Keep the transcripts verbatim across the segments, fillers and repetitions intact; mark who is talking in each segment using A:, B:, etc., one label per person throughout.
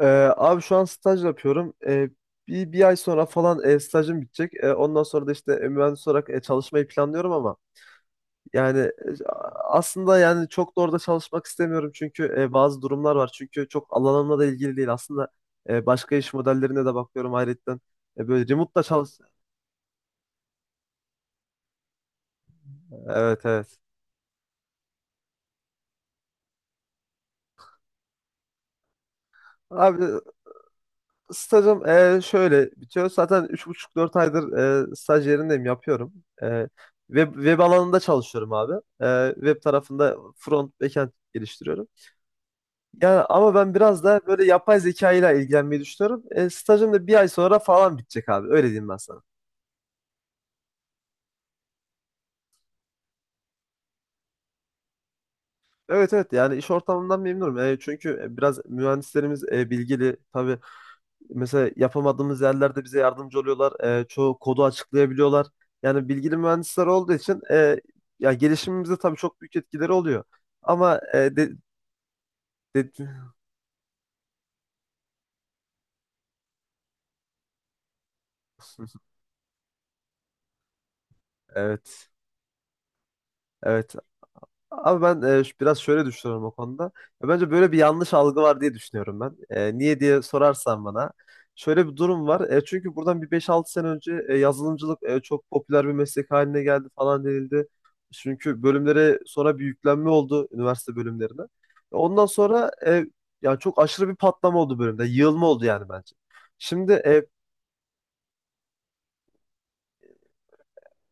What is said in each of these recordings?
A: Ee, Abi şu an staj yapıyorum. Ee, bir, bir ay sonra falan e, stajım bitecek. E, ondan sonra da işte e, mühendis olarak e, çalışmayı planlıyorum ama yani e, aslında yani çok da orada çalışmak istemiyorum çünkü e, bazı durumlar var. Çünkü çok alanımla da ilgili değil. Aslında e, başka iş modellerine de bakıyorum ayrıca. E, böyle remote'da çalış. Evet, evet. Abi, Stajım e, şöyle bitiyor. Zaten üç buçuk dört aydır e, staj yerindeyim, yapıyorum. E, web, web alanında çalışıyorum abi. E, web tarafında front, backend geliştiriyorum. Yani ama ben biraz da böyle yapay zeka ile ilgilenmeyi düşünüyorum. E, stajım da bir ay sonra falan bitecek abi. Öyle diyeyim ben sana. Evet, evet, yani iş ortamından memnunum. E, çünkü biraz mühendislerimiz e, bilgili. Tabii. Mesela yapamadığımız yerlerde bize yardımcı oluyorlar. Ee, çoğu kodu açıklayabiliyorlar. Yani bilgili mühendisler olduğu için e, ya gelişimimize tabii çok büyük etkileri oluyor. Ama e, de, de- evet, evet. Abi, ben e, ş- biraz şöyle düşünüyorum o konuda. Ya bence böyle bir yanlış algı var diye düşünüyorum ben. E, niye diye sorarsan bana. Şöyle bir durum var. E, çünkü buradan bir beş altı sene önce e, yazılımcılık e, çok popüler bir meslek haline geldi falan denildi. Çünkü bölümlere sonra bir yüklenme oldu üniversite bölümlerine. Ondan sonra e, yani çok aşırı bir patlama oldu bölümde. Yığılma oldu yani bence. Şimdi, e,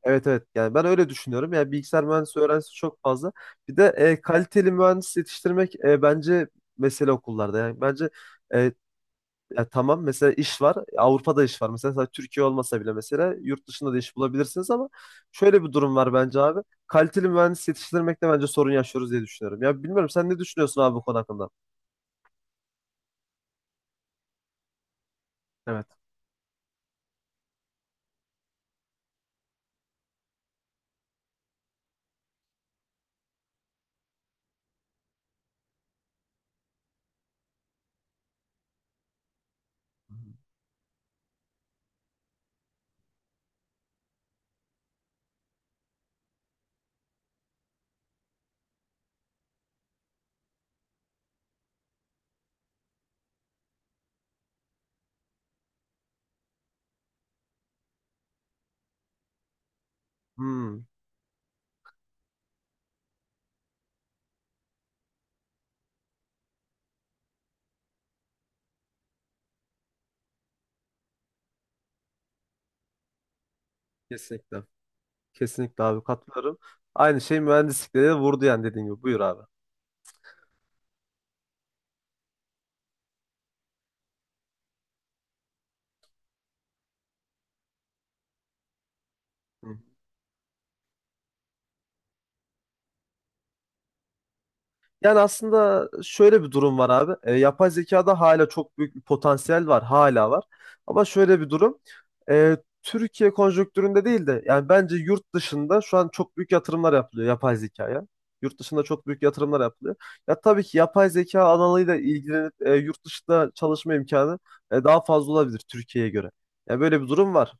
A: Evet evet yani ben öyle düşünüyorum. Yani bilgisayar mühendisliği öğrencisi çok fazla. Bir de e, kaliteli mühendis yetiştirmek e, bence mesele okullarda. Yani bence e, ya tamam mesela iş var. Avrupa'da iş var. Mesela, sadece Türkiye olmasa bile mesela yurt dışında da iş bulabilirsiniz ama şöyle bir durum var bence abi. Kaliteli mühendis yetiştirmekte bence sorun yaşıyoruz diye düşünüyorum. Ya bilmiyorum sen ne düşünüyorsun abi bu konu hakkında? Evet. Hmm, kesinlikle. Kesinlikle abi, katılıyorum. Aynı şey mühendislikte de vurdu yani dediğin gibi. Buyur abi. Hı. Yani aslında şöyle bir durum var abi. E, yapay zekada hala çok büyük bir potansiyel var, hala var. Ama şöyle bir durum. E, Türkiye konjonktüründe değil de yani bence yurt dışında şu an çok büyük yatırımlar yapılıyor yapay zekaya. Yurt dışında çok büyük yatırımlar yapılıyor. Ya tabii ki yapay zeka alanıyla ilgilenip e, yurt dışında çalışma imkanı e, daha fazla olabilir Türkiye'ye göre. Ya böyle bir durum var.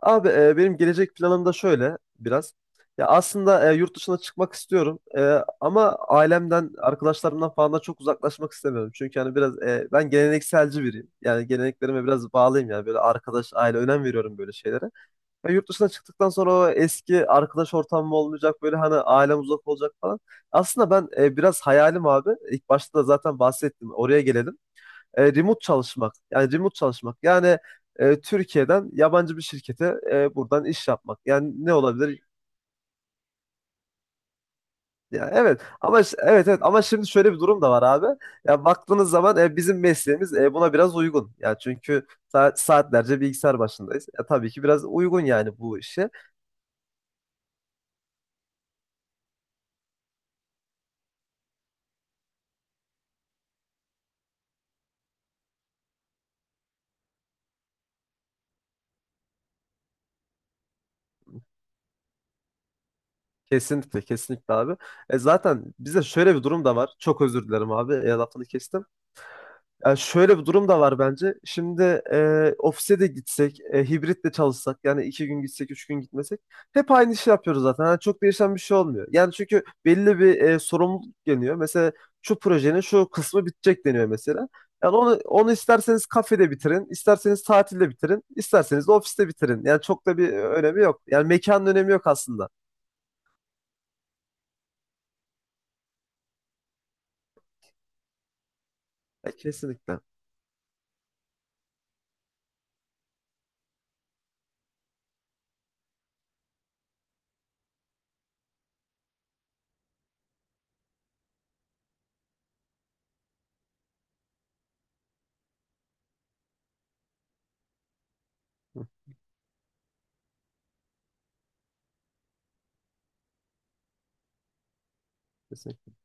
A: Abi, e, benim gelecek planım da şöyle biraz. Ya aslında e, yurt dışına çıkmak istiyorum E, ama ailemden, arkadaşlarımdan falan da çok uzaklaşmak istemiyorum. Çünkü hani biraz e, ben gelenekselci biriyim. Yani geleneklerime biraz bağlıyım, yani böyle arkadaş, aile önem veriyorum böyle şeylere. Ya yurt dışına çıktıktan sonra o eski arkadaş ortamım olmayacak, böyle hani ailem uzak olacak falan. Aslında ben e, biraz hayalim abi. İlk başta da zaten bahsettim. Oraya gelelim e, remote çalışmak. Yani remote çalışmak. Yani e, Türkiye'den yabancı bir şirkete e, buradan iş yapmak. Yani ne olabilir? Ya evet ama ş- evet, evet, ama şimdi şöyle bir durum da var abi. Ya baktığınız zaman e, bizim mesleğimiz e, buna biraz uygun. Ya çünkü sa- saatlerce bilgisayar başındayız. Ya tabii ki biraz uygun yani bu işe. Kesinlikle, kesinlikle abi. E, zaten bize şöyle bir durum da var. Çok özür dilerim abi. E, lafını kestim. Ya şöyle bir durum da var bence. Şimdi e, ofise de gitsek, e, hibrit de çalışsak, yani iki gün gitsek, üç gün gitmesek, hep aynı işi yapıyoruz zaten. Yani çok değişen bir şey olmuyor. Yani çünkü belli bir e, sorumluluk geliyor. Mesela şu projenin şu kısmı bitecek deniyor mesela. Yani onu, onu isterseniz kafede bitirin, isterseniz tatilde bitirin, isterseniz de ofiste bitirin. Yani çok da bir önemi yok. Yani mekanın önemi yok aslında. E, kesinlikle. Hı, kesinlikle.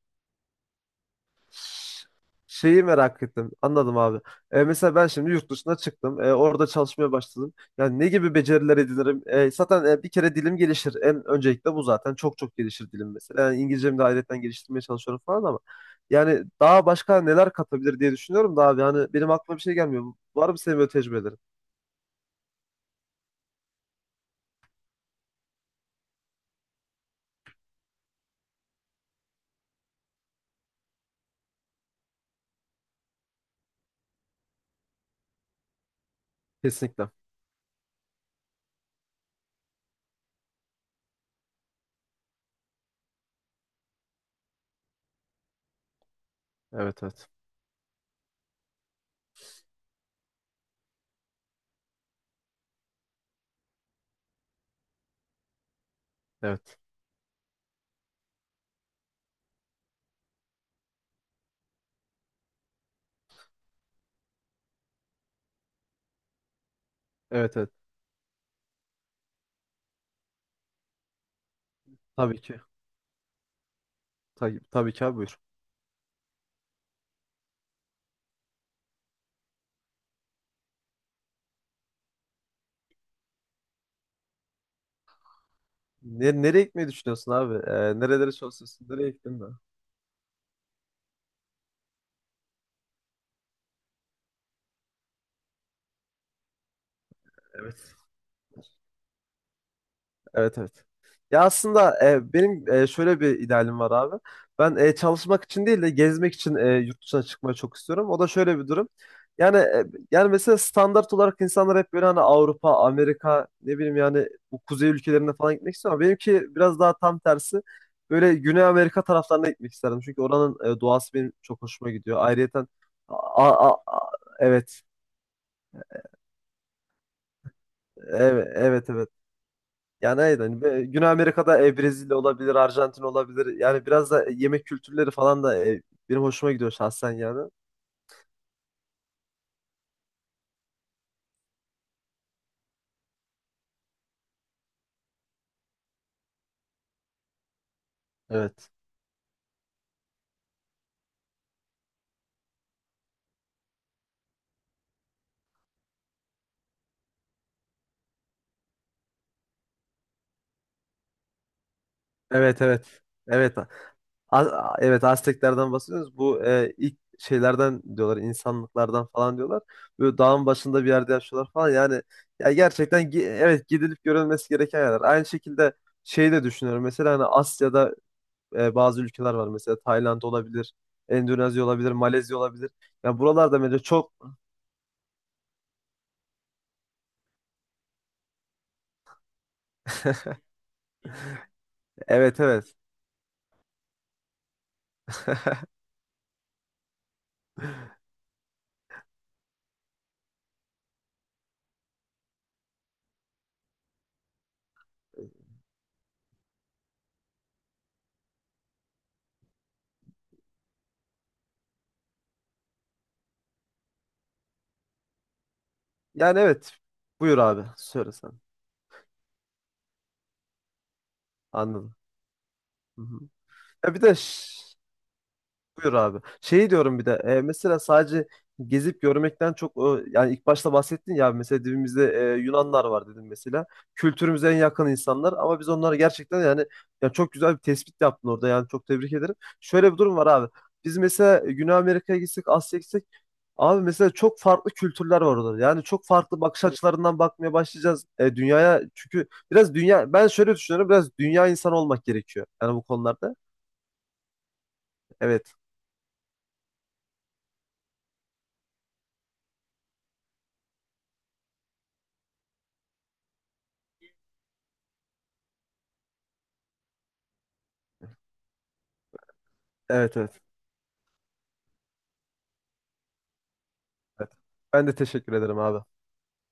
A: Şeyi merak ettim. Anladım abi. E, mesela ben şimdi yurt dışına çıktım. E, orada çalışmaya başladım. Yani ne gibi beceriler edinirim? E, zaten e, bir kere dilim gelişir. En öncelikle bu zaten. Çok çok gelişir dilim mesela. Yani İngilizcemi de ayrıyetten geliştirmeye çalışıyorum falan ama. Yani daha başka neler katabilir diye düşünüyorum da abi. Hani benim aklıma bir şey gelmiyor. Var mı senin böyle tecrübelerin? Kesinlikle. Evet, evet. Evet. Evet, evet. Tabii ki. Tabii, tabii ki abi, buyur. Ne, nereye gitmeyi düşünüyorsun abi? E, nerelere çalışıyorsun? Nereye gittin de? Evet. Evet, evet. Ya aslında e, benim e, şöyle bir idealim var abi. Ben e, çalışmak için değil de gezmek için e, yurt dışına çıkmayı çok istiyorum. O da şöyle bir durum. Yani e, yani mesela standart olarak insanlar hep böyle hani Avrupa, Amerika, ne bileyim yani bu kuzey ülkelerine falan gitmek istiyor ama benimki biraz daha tam tersi. Böyle Güney Amerika taraflarına gitmek isterdim. Çünkü oranın e, doğası benim çok hoşuma gidiyor. Ayrıyeten a- a- a- evet, evet, evet, evet. Yani aynen. hani be- Güney Amerika'da e, Brezilya olabilir, Arjantin olabilir. Yani biraz da yemek kültürleri falan da e, benim hoşuma gidiyor şahsen yani. Evet. Evet, evet. Evet. A- A- evet, Azteklerden bahsediyoruz. Bu e, ilk şeylerden diyorlar, insanlıklardan falan diyorlar. Böyle dağın başında bir yerde yaşıyorlar falan. Yani ya gerçekten gi- evet, gidilip görülmesi gereken yerler. Aynı şekilde şey de düşünüyorum. Mesela hani Asya'da e, bazı ülkeler var. Mesela Tayland olabilir, Endonezya olabilir, Malezya olabilir. Ya buralarda bence çok. Evet, evet. Yani evet. Buyur abi. Söyle sen. Anladım. Hı, hı. Ya bir de ş- Buyur abi. Şey diyorum bir de e, mesela sadece gezip görmekten çok e, yani ilk başta bahsettin ya mesela dibimizde e, Yunanlar var dedim mesela. Kültürümüze en yakın insanlar ama biz onları gerçekten, yani, ya çok güzel bir tespit yaptın orada, yani çok tebrik ederim. Şöyle bir durum var abi. Biz mesela Güney Amerika'ya gitsek, Asya'ya gitsek abi, mesela çok farklı kültürler var orada. Yani çok farklı bakış açılarından bakmaya başlayacağız e, dünyaya. Çünkü biraz dünya, ben şöyle düşünüyorum, biraz dünya insanı olmak gerekiyor yani bu konularda. Evet. Evet, evet. Evet. Ben de teşekkür ederim abi.